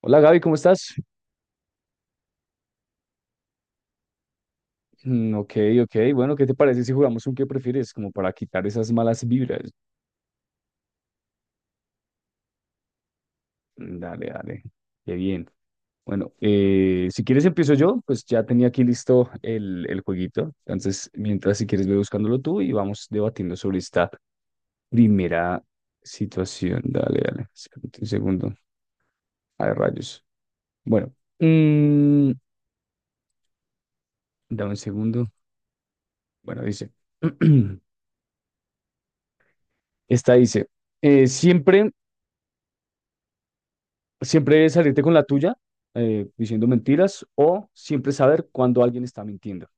Hola, Gaby, ¿cómo estás? Mm, ok, ok. Bueno, ¿qué te parece si jugamos un qué prefieres? Como para quitar esas malas vibras. Dale, dale. Qué bien. Bueno, si quieres empiezo yo, pues ya tenía aquí listo el jueguito. Entonces, mientras si quieres ve buscándolo tú y vamos debatiendo sobre esta primera situación. Dale, dale. Espérate un segundo. Ay, rayos. Bueno, mm, dame un segundo. Bueno, dice. Esta dice, eh, siempre Siempre salirte con la tuya, diciendo mentiras, o siempre saber cuando alguien está mintiendo.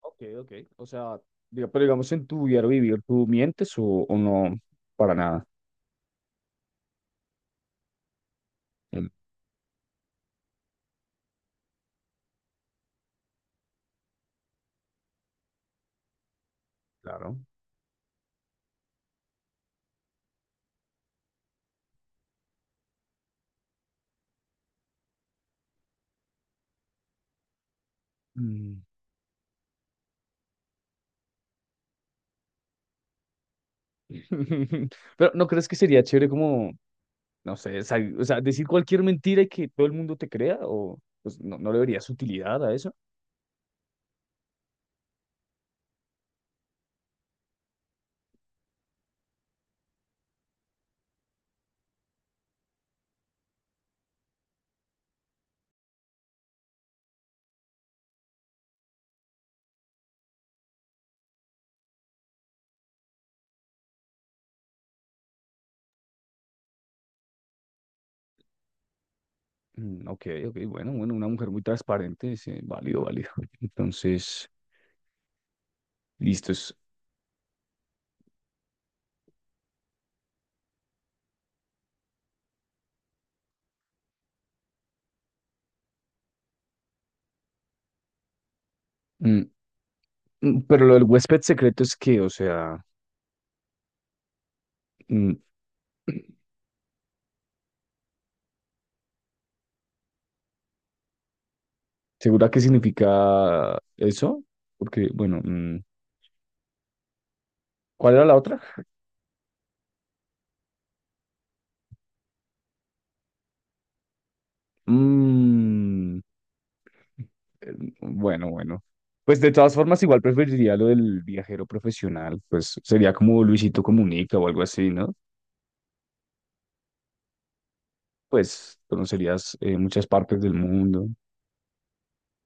Ok, ok. O sea, pero digamos en tu diario vivir, ¿tú mientes o no? Para nada. Mm. Claro. Mm. Pero ¿no crees que sería chévere como, no sé, o sea, decir cualquier mentira y que todo el mundo te crea? ¿O pues, no, no le verías utilidad a eso? Mm, ok, ok, bueno, bueno, una mujer muy transparente, sí, válido, válido. Entonces, listos. Mm, pero lo del huésped secreto es que, o sea, mm, ¿segura qué significa eso? Porque, bueno, ¿cuál era la otra? Mm, eh, bueno, bueno. Pues de todas formas, igual preferiría lo del viajero profesional, pues sería como Luisito Comunica o algo así, ¿no? Pues conocerías muchas partes del mundo.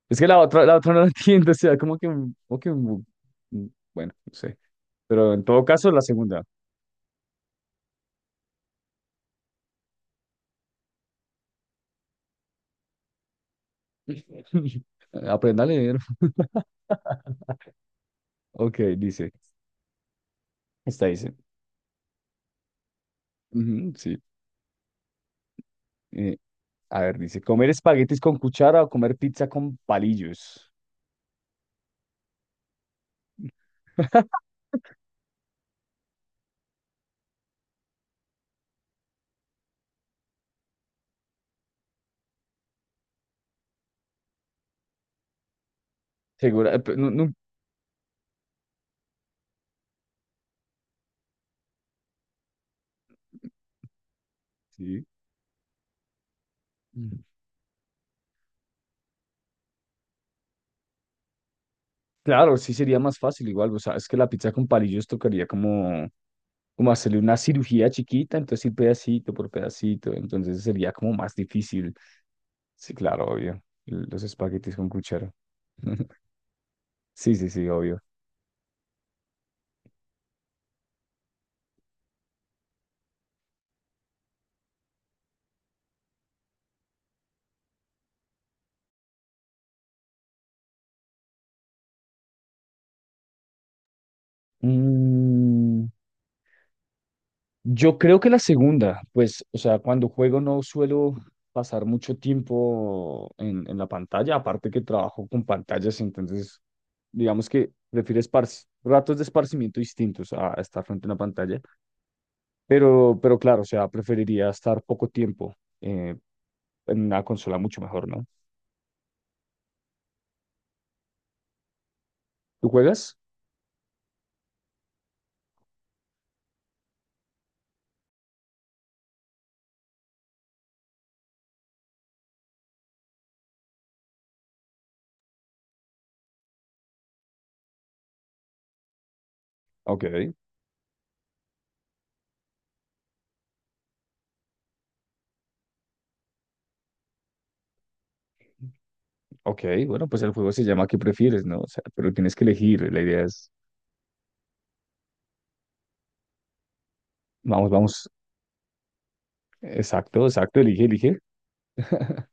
Es que la otra no la entiendo, o sea, como que, mm, mm, bueno, no sé. Pero en todo caso, la segunda. Aprenda a leer. Ok, dice. Esta dice. Ujú, sí. eh, a ver, dice, ¿comer espaguetis con cuchara o comer pizza con palillos? Segura, no, no. Sí. Mm. Claro, sí sería más fácil igual. O sea, es que la pizza con palillos tocaría como, como hacerle una cirugía chiquita, entonces ir pedacito por pedacito. Entonces sería como más difícil. Sí, claro, obvio. Los espaguetis con cuchara. Sí, sí, sí, obvio. Mm, yo creo que la segunda, pues, o sea, cuando juego no suelo pasar mucho tiempo en la pantalla, aparte que trabajo con pantallas, entonces, digamos que prefiero ratos de esparcimiento distintos a estar frente a una pantalla, pero claro, o sea, preferiría estar poco tiempo eh, en una consola mucho mejor, ¿no? ¿Tú juegas? Ok, ok, bueno, pues el juego se llama ¿Qué prefieres, no? O sea, pero tienes que elegir, la idea es, vamos, vamos, exacto, exacto, elige, elige.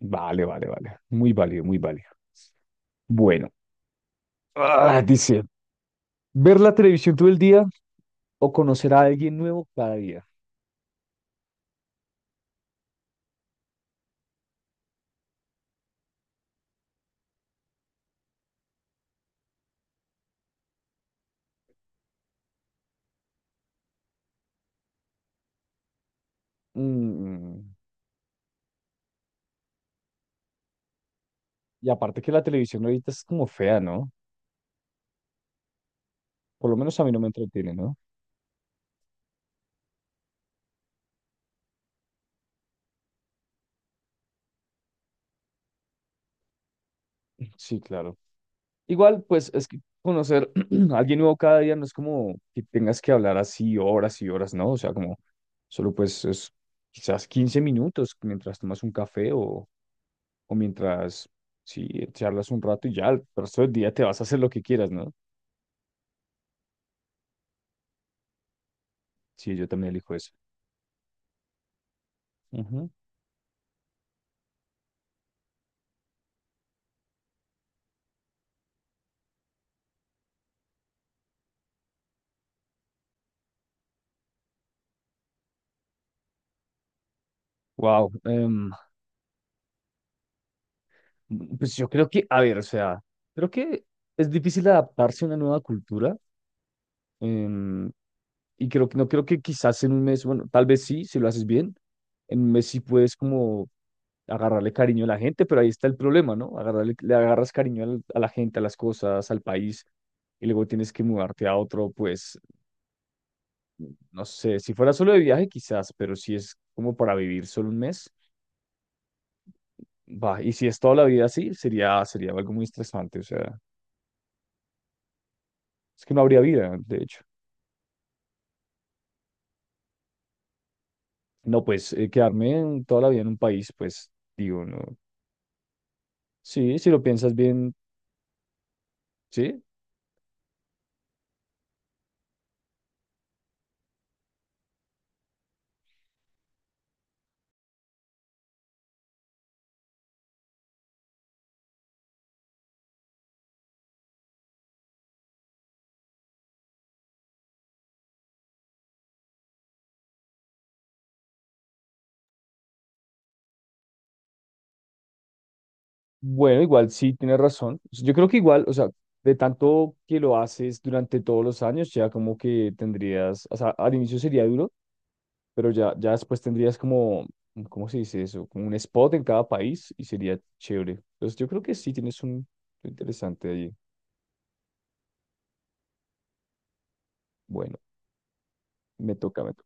Vale, vale, vale. Muy válido, muy válido. Bueno, ah, dice, ver la televisión todo el día o conocer a alguien nuevo cada día. Mm, y aparte que la televisión ahorita es como fea, ¿no? Por lo menos a mí no me entretiene, ¿no? Sí, claro. Igual, pues es que conocer a alguien nuevo cada día no es como que tengas que hablar así horas y horas, ¿no? O sea, como solo pues es quizás 15 minutos mientras tomas un café o mientras, sí, charlas un rato y ya el resto del día te vas a hacer lo que quieras, ¿no? Sí, yo también elijo eso. Wow. Pues yo creo que, a ver, o sea, creo que es difícil adaptarse a una nueva cultura. em, y creo que no creo que quizás en un mes, bueno, tal vez sí, si lo haces bien, en un mes sí puedes como agarrarle cariño a la gente, pero ahí está el problema, ¿no? Agarrarle, le agarras cariño a la gente, a las cosas, al país, y luego tienes que mudarte a otro, pues, no sé, si fuera solo de viaje quizás, pero si es como para vivir solo un mes. Va, y si es toda la vida así, sería algo muy estresante, o sea, es que no habría vida, de hecho. No, pues quedarme toda la vida en un país, pues digo, no. Sí, si lo piensas bien, sí. Bueno, igual sí, tienes razón. Pues, yo creo que igual, o sea, de tanto que lo haces durante todos los años, ya como que tendrías, o sea, al inicio sería duro, pero ya después tendrías como, ¿cómo se dice eso? Como un spot en cada país y sería chévere. Entonces yo creo que sí, tienes un lo interesante allí. Bueno, me toca, me toca.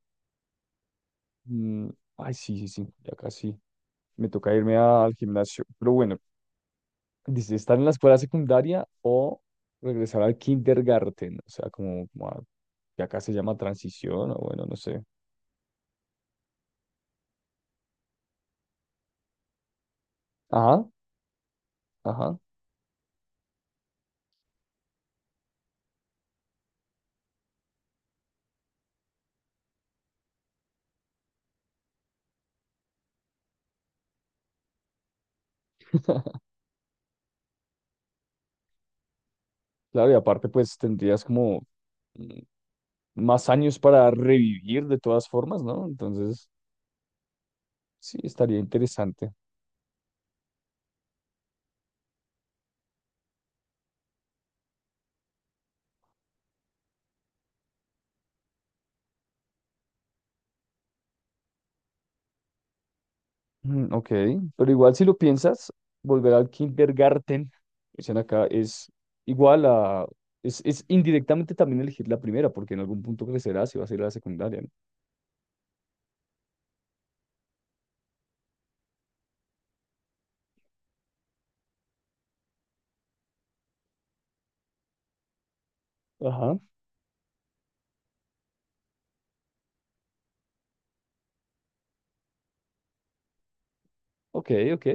Mm, ay, sí, sí, sí, ya casi. Me toca irme al gimnasio. Pero bueno, dice, estar en la escuela secundaria o regresar al kindergarten. O sea, como, como que acá se llama transición, o bueno, no sé. Ajá, ajá. Claro, y aparte, pues tendrías como mm, más años para revivir de todas formas, ¿no? Entonces, sí, estaría interesante. Mm, ok, pero igual si lo piensas, volver al kindergarten, dicen acá, es igual a, es indirectamente también elegir la primera, porque en algún punto crecerá si vas a ir a la secundaria, ¿no? Ajá, ok, ok,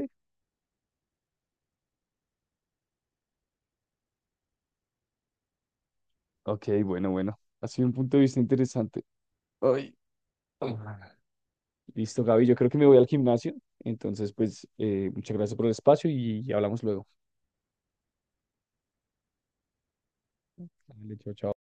ok, bueno, bueno, ha sido un punto de vista interesante. Ay, ah. Listo, Gaby, yo creo que me voy al gimnasio, entonces pues muchas gracias por el espacio y hablamos luego. Vale, chao, chao.